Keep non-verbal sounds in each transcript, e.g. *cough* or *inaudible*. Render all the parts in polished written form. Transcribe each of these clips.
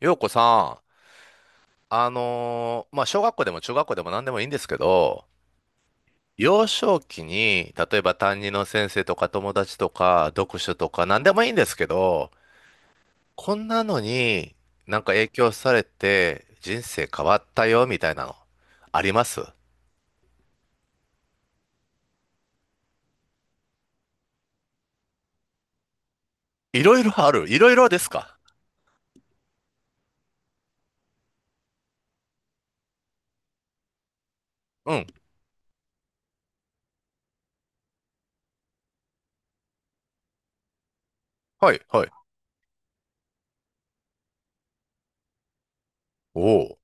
ようこさん、小学校でも中学校でも何でもいいんですけど、幼少期に、例えば担任の先生とか友達とか読書とか何でもいいんですけど、こんなのに影響されて人生変わったよみたいなの、あります？いろいろある？いろいろですか？うん。はい、はい。おお。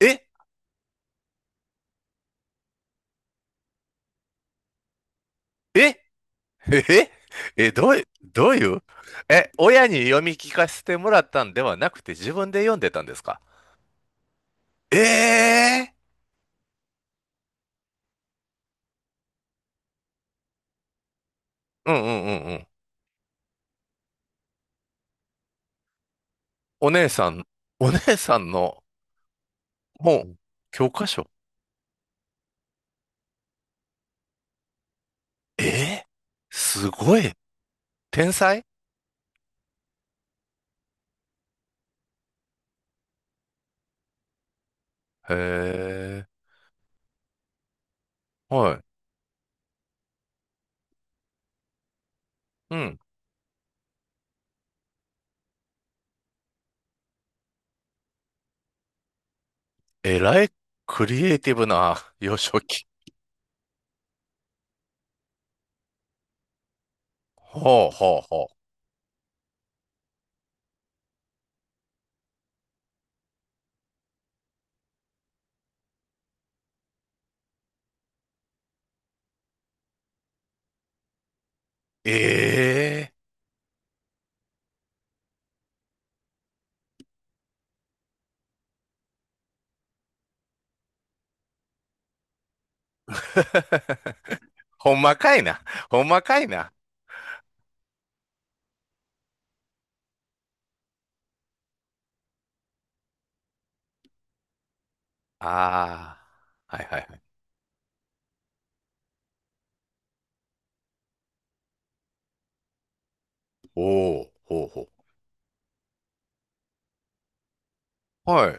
ええ？ええ、どういう、え、親に読み聞かせてもらったんではなくて自分で読んでたんですか？ええー、うんうんうんうん。お姉さん、お姉さんの、もう教科書。ええー、すごい。天才。へえ、はい。うん。えらい。クリエイティブな *laughs* 幼少期。ほうほうほう。ええー。 *laughs* ほんまかいな。ほんまかいな。ああ。はいはいはい。おお、ほうほう。はい。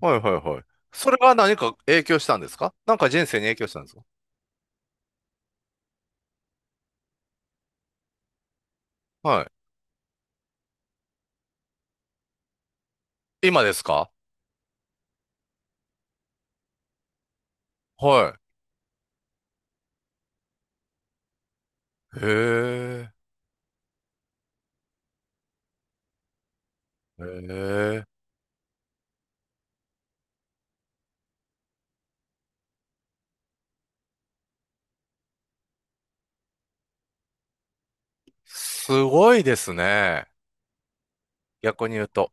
はいはいはい。それは何か影響したんですか？なんか人生に影響したんですか？はい。今ですか？はい。へえ。へえ。すごいですね。逆に言うと。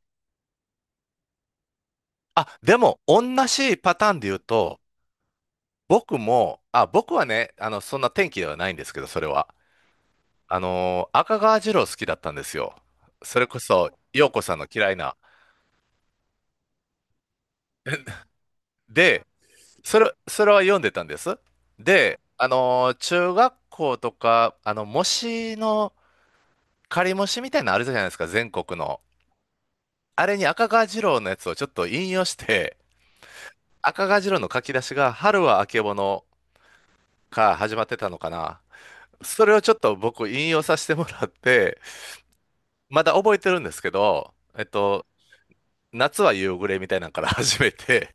あ、でも、同じパターンで言うと、僕はね、あの、そんな天気ではないんですけど、それは。あのー、赤川次郎好きだったんですよ。それこそ、陽子さんの嫌いな。で、それは読んでたんです。で、あのー中学校とか、あの、模試の、仮模試みたいなのあるじゃないですか、全国の。あれに赤川次郎のやつをちょっと引用して、赤が白の書き出しが春はあけぼのから始まってたのかな。それをちょっと僕引用させてもらって、まだ覚えてるんですけど、夏は夕暮れみたいなのから始めて、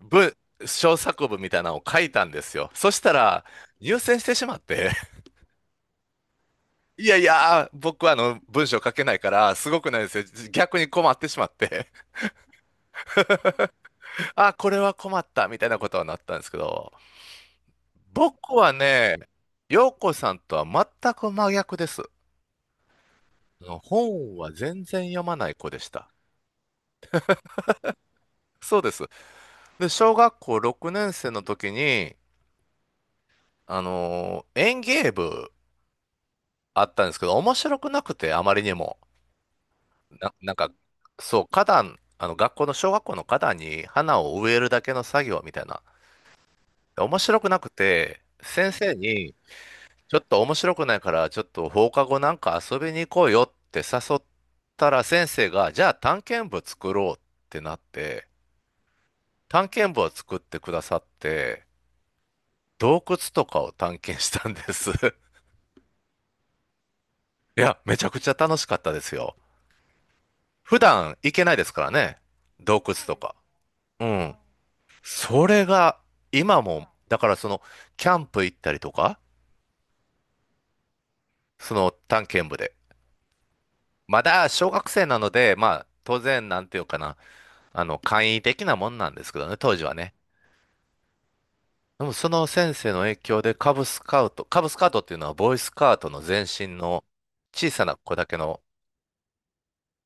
文、小作文みたいなのを書いたんですよ。そしたら、入選してしまって、いやいや、僕はあの文章書けないから、すごくないですよ。逆に困ってしまって、あ、これは困ったみたいなことはなったんですけど、僕はね、陽子さんとは全く真逆です。の本は全然読まない子でした。そうです。で、小学校6年生の時に、あのー園芸部あったんですけど、面白くなくて、あまりにも。なんか、そう、花壇、あの、学校の小学校の花壇に花を植えるだけの作業みたいな。面白くなくて、先生に、ちょっと面白くないから、ちょっと放課後なんか遊びに行こうよって誘ったら、先生が、じゃあ探検部作ろうってなって、探検部を作ってくださって、洞窟とかを探検したんです。*laughs* いや、めちゃくちゃ楽しかったですよ。普段行けないですからね。洞窟とか。うん。それが、今も、だからその、キャンプ行ったりとか、その探検部で。まだ小学生なので、まあ、当然、なんていうかな、あの、簡易的なもんなんですけどね、当時はね。でもその先生の影響でカブスカウトっていうのはボーイスカウトの前身の小さな子だけの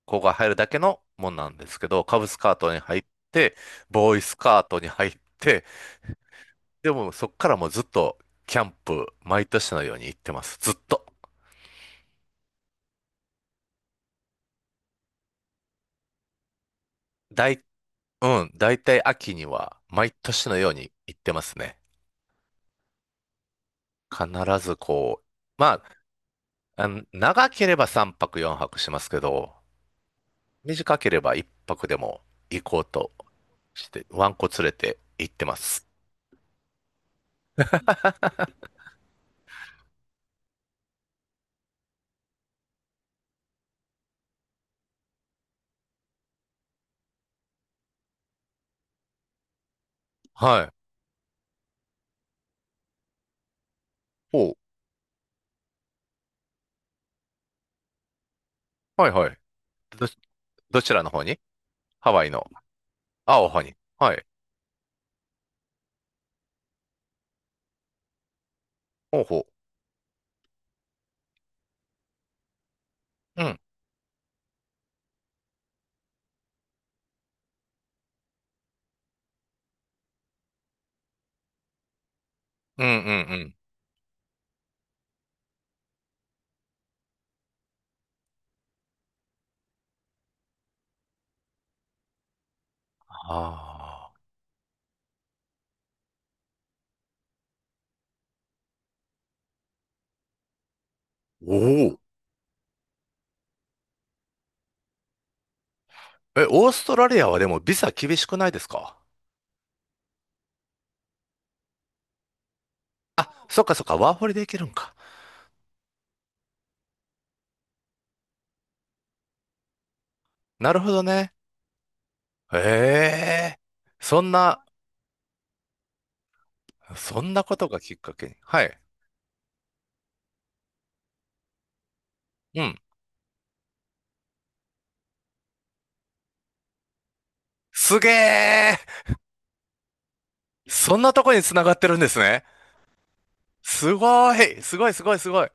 子が入るだけのもんなんですけど、カブスカートに入って、ボーイスカートに入って、でもそっからもうずっとキャンプ、毎年のように行ってます。ずっと。だい、うん、だいたい秋には毎年のように行ってますね。必ずこう、まあ、あの長ければ3泊4泊しますけど、短ければ1泊でも行こうとして、ワンコ連れて行ってます。はい。おう、はいはい。ど、どちらの方に？ハワイの。あ、おはに。はい。ほうほう。うん。うん、うん、うん。ああ。おお。え、オーストラリアはでもビザ厳しくないですか？あ、そっかそっか、ワーホリで行けるんか。なるほどね。へえ。そんな、そんなことがきっかけに。はい。うん。すげえ。そんなとこに繋がってるんですね。すごい。すごい、すごい、すごい。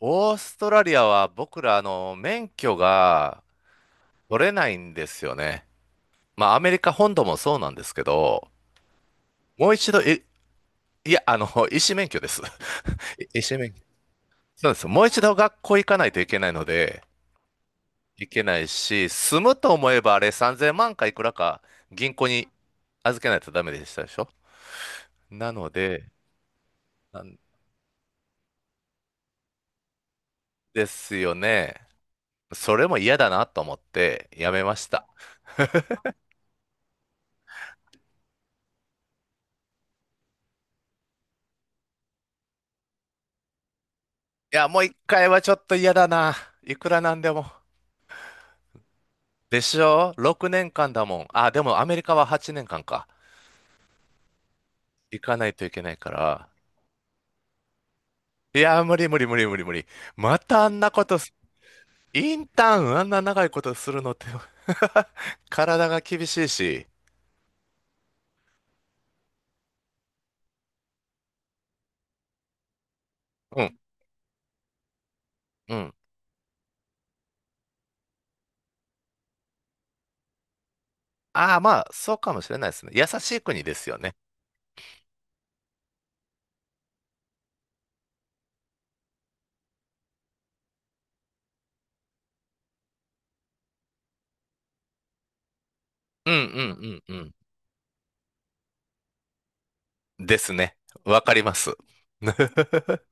オーストラリアは僕ら、あの、免許が取れないんですよね。まあ、アメリカ本土もそうなんですけど、もう一度、え、いや、あの、*laughs* 医師免許です。*laughs* 医師免許。そうです。もう一度学校行かないといけないので、いけないし、住むと思えばあれ3000万かいくらか銀行に預けないとダメでしたでしょ？なので、なんですよね。それも嫌だなと思ってやめました。いや、もう一回はちょっと嫌だな。いくらなんでも。でしょ？ 6 年間だもん。あ、でもアメリカは8年間かんか。行かないといけないから。いや、無理無理無理無理無理。またあんなことインターンあんな長いことするのって *laughs* 体が厳しいし。うん、うん。ああ、まあ、そうかもしれないですね。優しい国ですよね。うん、うん、うん、うん。ですね。わかります。*laughs*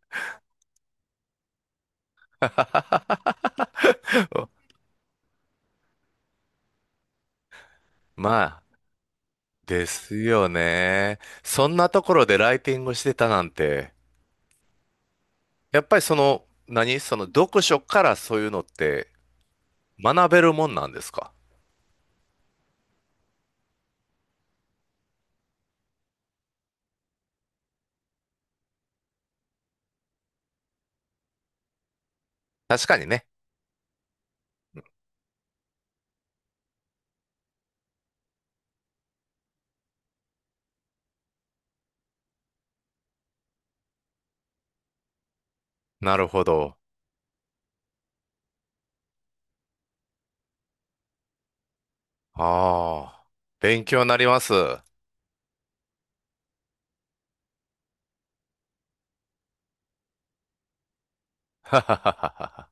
まあ、ですよね。そんなところでライティングしてたなんて、やっぱりその、何その読書からそういうのって学べるもんなんですか？確かにね。なるほど。ああ、勉強になります。*laughs* ははははは。